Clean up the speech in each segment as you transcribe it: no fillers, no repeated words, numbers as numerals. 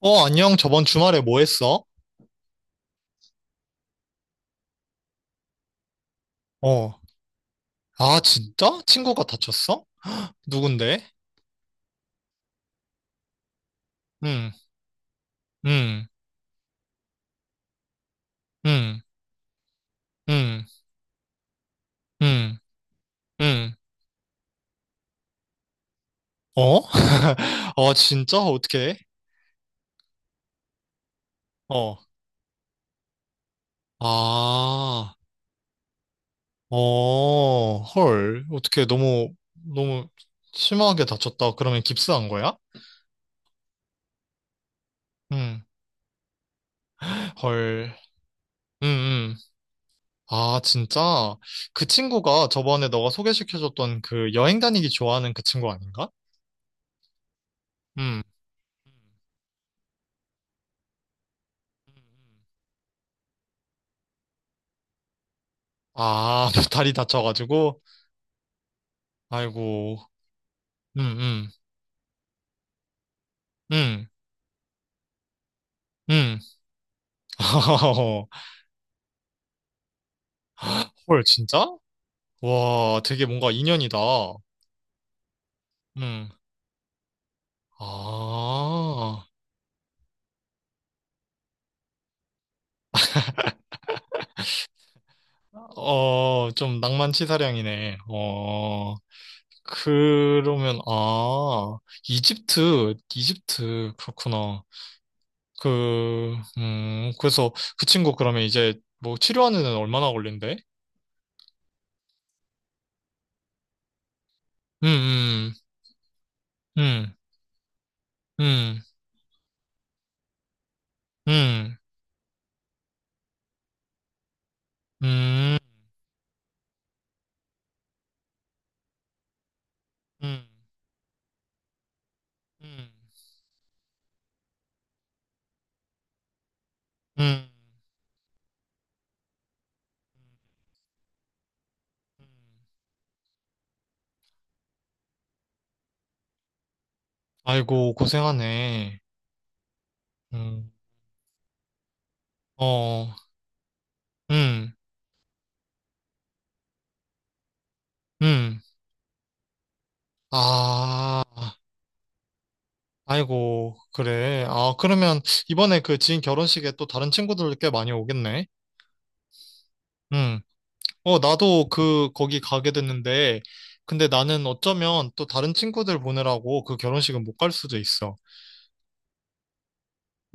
어, 안녕. 저번 주말에 뭐 했어? 어. 아, 진짜? 친구가 다쳤어? 누군데? 응, 응, 응, 응, 응, 응. 어? 어, 진짜? 어떻게? 어. 아, 어, 헐. 어떻게 너무, 너무 심하게 다쳤다. 그러면 깁스한 거야? 응, 헐. 응, 응. 아, 진짜? 그 친구가 저번에 너가 소개시켜줬던 그 여행 다니기 좋아하는 그 친구 아닌가? 응. 아, 다리 다쳐가지고. 아이고. 음, 음, 음, 음. 헐, 진짜? 와, 되게 뭔가 인연이다. 음. 아, 어, 좀 낭만치사량이네. 어, 그러면, 아, 이집트, 그렇구나. 그, 그래서 그 친구 그러면 이제 뭐 치료하는 데는 얼마나 걸린대? 음, 음, 음, 음, 음. 음, 음, 음, 음, 음. 음. 아이고, 고생하네. 음, 어, 음, 음. 아, 아이고, 그래. 아, 그러면 이번에 그 지인 결혼식에 또 다른 친구들 꽤 많이 오겠네. 음. 어, 나도 그, 거기 가게 됐는데, 근데 나는 어쩌면 또 다른 친구들 보느라고 그 결혼식은 못 갈 수도 있어.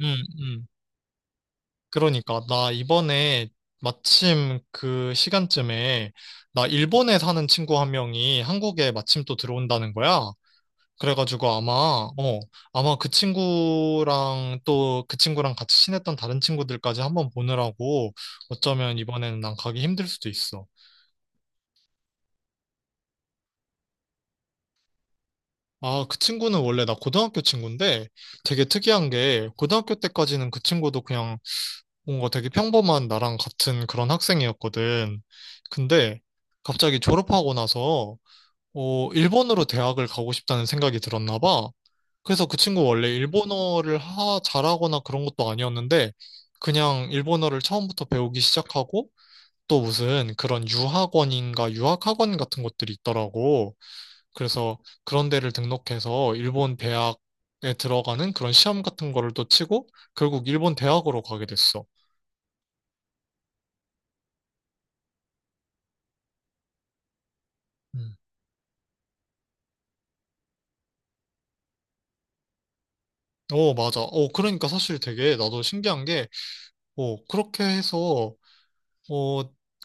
음, 음. 그러니까 나 이번에 마침 그 시간쯤에 나 일본에 사는 친구 한 명이 한국에 마침 또 들어온다는 거야. 그래가지고 아마 어 아마 그 친구랑 또 그 친구랑 같이 친했던 다른 친구들까지 한번 보느라고 어쩌면 이번에는 난 가기 힘들 수도 있어. 아, 그 친구는 원래 나 고등학교 친구인데 되게 특이한 게 고등학교 때까지는 그 친구도 그냥 뭔가 되게 평범한 나랑 같은 그런 학생이었거든. 근데 갑자기 졸업하고 나서 어, 일본으로 대학을 가고 싶다는 생각이 들었나 봐. 그래서 그 친구 원래 일본어를 잘하거나 그런 것도 아니었는데 그냥 일본어를 처음부터 배우기 시작하고 또 무슨 그런 유학원인가 유학학원 같은 것들이 있더라고. 그래서 그런 데를 등록해서 일본 대학에 들어가는 그런 시험 같은 거를 또 치고 결국 일본 대학으로 가게 됐어. 음. 어, 맞아. 어, 그러니까 사실 되게 나도 신기한 게, 어, 그렇게 해서, 어,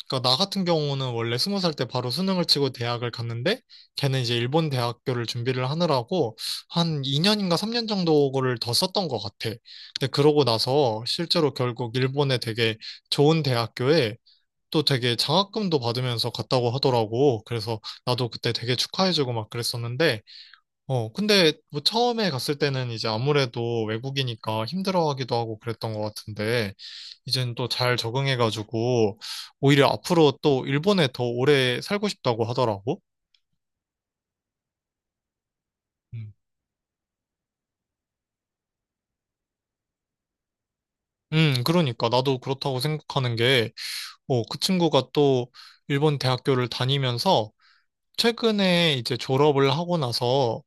그니까 나 같은 경우는 원래 20살 때 바로 수능을 치고 대학을 갔는데, 걔는 이제 일본 대학교를 준비를 하느라고 한 2년인가 3년 정도를 더 썼던 것 같아. 근데 그러고 나서 실제로 결국 일본의 되게 좋은 대학교에 또 되게 장학금도 받으면서 갔다고 하더라고. 그래서 나도 그때 되게 축하해주고 막 그랬었는데, 어, 근데 뭐 처음에 갔을 때는 이제 아무래도 외국이니까 힘들어하기도 하고 그랬던 것 같은데, 이젠 또 잘 적응해가지고, 오히려 앞으로 또 일본에 더 오래 살고 싶다고 하더라고. 음. 그러니까 나도 그렇다고 생각하는 게, 어, 그 친구가 또 일본 대학교를 다니면서 최근에 이제 졸업을 하고 나서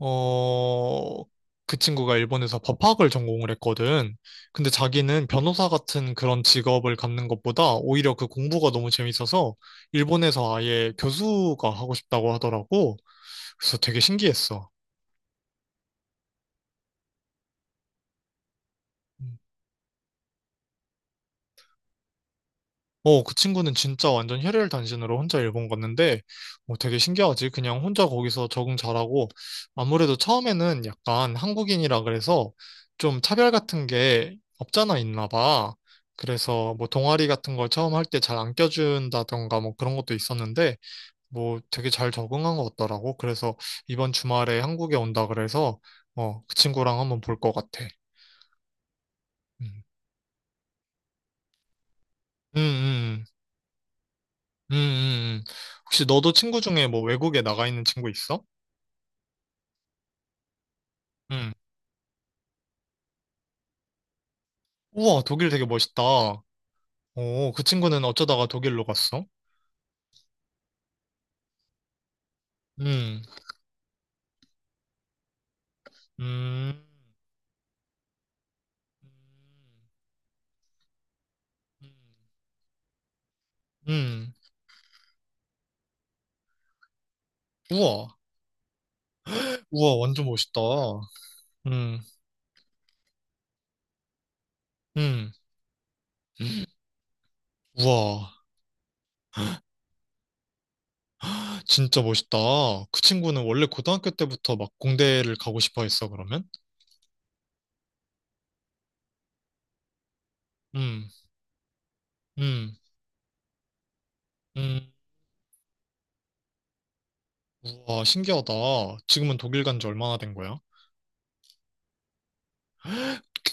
어, 그 친구가 일본에서 법학을 전공을 했거든. 근데 자기는 변호사 같은 그런 직업을 갖는 것보다 오히려 그 공부가 너무 재밌어서 일본에서 아예 교수가 하고 싶다고 하더라고. 그래서 되게 신기했어. 음. 어, 그 친구는 진짜 완전 혈혈단신으로 혼자 일본 갔는데, 어, 되게 신기하지? 그냥 혼자 거기서 적응 잘하고, 아무래도 처음에는 약간 한국인이라 그래서 좀 차별 같은 게 없잖아 있나 봐. 그래서 뭐 동아리 같은 걸 처음 할 때 잘 안 껴준다던가 뭐 그런 것도 있었는데, 뭐 되게 잘 적응한 것 같더라고. 그래서 이번 주말에 한국에 온다 그래서, 어, 그 친구랑 한번 볼 것 같아. 음, 음. 음, 음, 음. 혹시 너도 친구 중에 뭐 외국에 나가 있는 친구 있어? 음. 우와, 독일 되게 멋있다. 오, 그 친구는 어쩌다가 독일로 갔어? 음, 음, 음, 음. 우와, 우와, 완전 멋있다. 음, 음. 우와, 진짜 멋있다. 그 친구는 원래 고등학교 때부터 막 공대를 가고 싶어 했어, 그러면? 음, 음, 음. 우와, 신기하다. 지금은 독일 간지 얼마나 된 거야?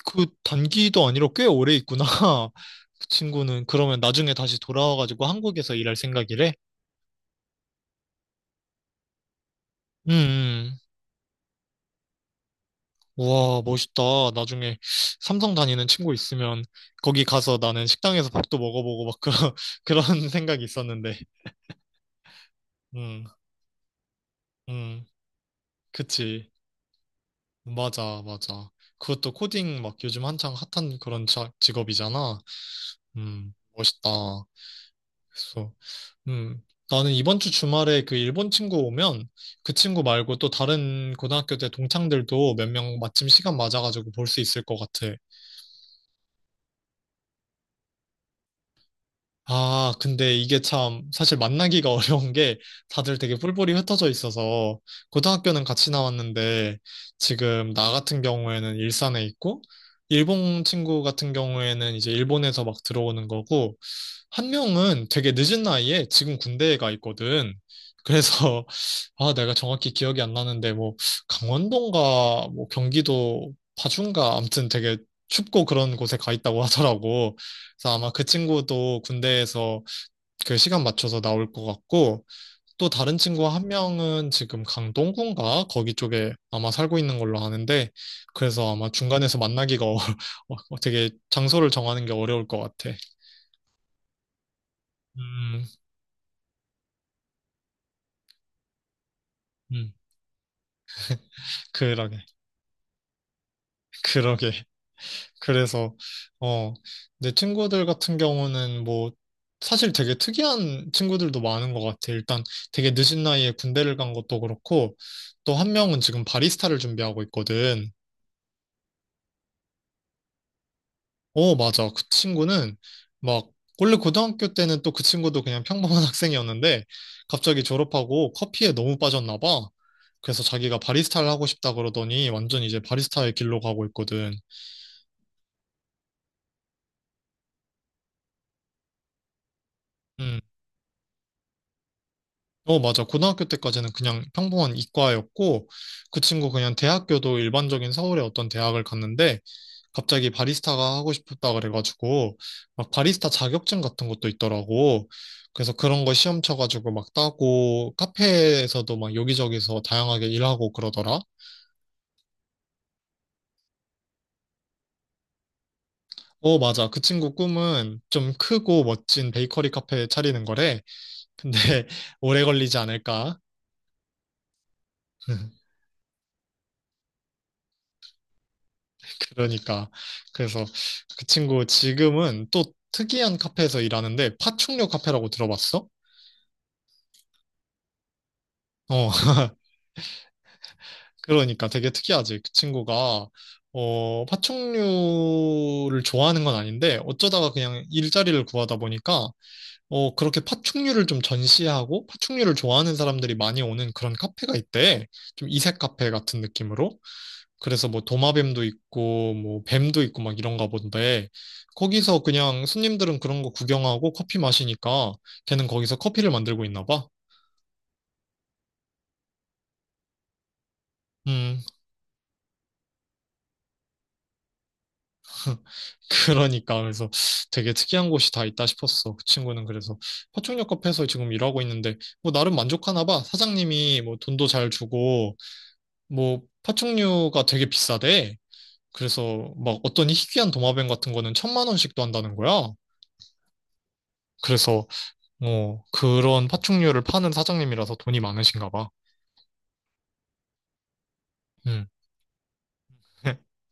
그 단기도 아니라 꽤 오래 있구나. 그 친구는 그러면 나중에 다시 돌아와가지고 한국에서 일할 생각이래? 음, 음. 우와, 멋있다. 나중에 삼성 다니는 친구 있으면 거기 가서 나는 식당에서 밥도 먹어보고 막 그런, 그런 생각이 있었는데. 음, 음, 그치. 맞아, 맞아. 그것도 코딩 막 요즘 한창 핫한 그런 직업이잖아. 멋있다. 그래서 음 나는 이번 주 주말에 그 일본 친구 오면 그 친구 말고 또 다른 고등학교 때 동창들도 몇 명 마침 시간 맞아가지고 볼 수 있을 것 같아. 아, 근데 이게 참 사실 만나기가 어려운 게 다들 되게 뿔뿔이 흩어져 있어서 고등학교는 같이 나왔는데 지금 나 같은 경우에는 일산에 있고 일본 친구 같은 경우에는 이제 일본에서 막 들어오는 거고 한 명은 되게 늦은 나이에 지금 군대에 가 있거든. 그래서 아 내가 정확히 기억이 안 나는데 뭐 강원도인가 뭐 경기도 파주인가 아무튼 되게 춥고 그런 곳에 가 있다고 하더라고. 그래서 아마 그 친구도 군대에서 그 시간 맞춰서 나올 것 같고 또 다른 친구 한 명은 지금 강동구인가 거기 쪽에 아마 살고 있는 걸로 아는데 그래서 아마 중간에서 만나기가 어, 되게 장소를 정하는 게 어려울 것 같아. 음, 음. 그러게, 그러게. 그래서, 어, 내 친구들 같은 경우는 뭐, 사실 되게 특이한 친구들도 많은 것 같아. 일단 되게 늦은 나이에 군대를 간 것도 그렇고, 또 한 명은 지금 바리스타를 준비하고 있거든. 어, 맞아. 그 친구는 막, 원래 고등학교 때는 또 그 친구도 그냥 평범한 학생이었는데, 갑자기 졸업하고 커피에 너무 빠졌나 봐. 그래서 자기가 바리스타를 하고 싶다 그러더니 완전 이제 바리스타의 길로 가고 있거든. 음. 어, 맞아. 고등학교 때까지는 그냥 평범한 이과였고, 그 친구 그냥 대학교도 일반적인 서울의 어떤 대학을 갔는데, 갑자기 바리스타가 하고 싶었다 그래가지고, 막 바리스타 자격증 같은 것도 있더라고. 그래서 그런 거 시험 쳐가지고 막 따고, 카페에서도 막 여기저기서 다양하게 일하고 그러더라. 어, 맞아. 그 친구 꿈은 좀 크고 멋진 베이커리 카페 차리는 거래. 근데 오래 걸리지 않을까? 그러니까 그래서 그 친구 지금은 또 특이한 카페에서 일하는데 파충류 카페라고 들어봤어? 어 그러니까 되게 특이하지 그 친구가 어 파충류를 좋아하는 건 아닌데 어쩌다가 그냥 일자리를 구하다 보니까 어 그렇게 파충류를 좀 전시하고 파충류를 좋아하는 사람들이 많이 오는 그런 카페가 있대 좀 이색 카페 같은 느낌으로 그래서 뭐 도마뱀도 있고 뭐 뱀도 있고 막 이런가 본데 거기서 그냥 손님들은 그런 거 구경하고 커피 마시니까 걔는 거기서 커피를 만들고 있나 봐. 음, 그러니까 그래서 되게 특이한 곳이 다 있다 싶었어. 그 친구는 그래서 화촉역 카페에서 지금 일하고 있는데 뭐 나름 만족하나 봐. 사장님이 뭐 돈도 잘 주고 뭐 파충류가 되게 비싸대. 그래서 막 어떤 희귀한 도마뱀 같은 거는 천만 원씩도 한다는 거야. 그래서 어, 그런 파충류를 파는 사장님이라서 돈이 많으신가 봐. 음.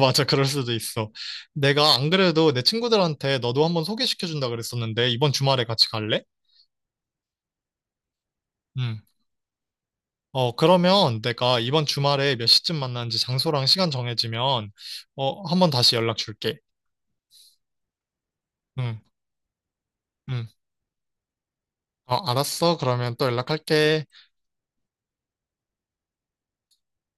맞아, 그럴 수도 있어. 내가 안 그래도 내 친구들한테 너도 한번 소개시켜준다 그랬었는데, 이번 주말에 같이 갈래? 음. 어, 그러면 내가 이번 주말에 몇 시쯤 만나는지 장소랑 시간 정해지면, 어, 한번 다시 연락 줄게. 응. 응. 어, 알았어. 그러면 또 연락할게.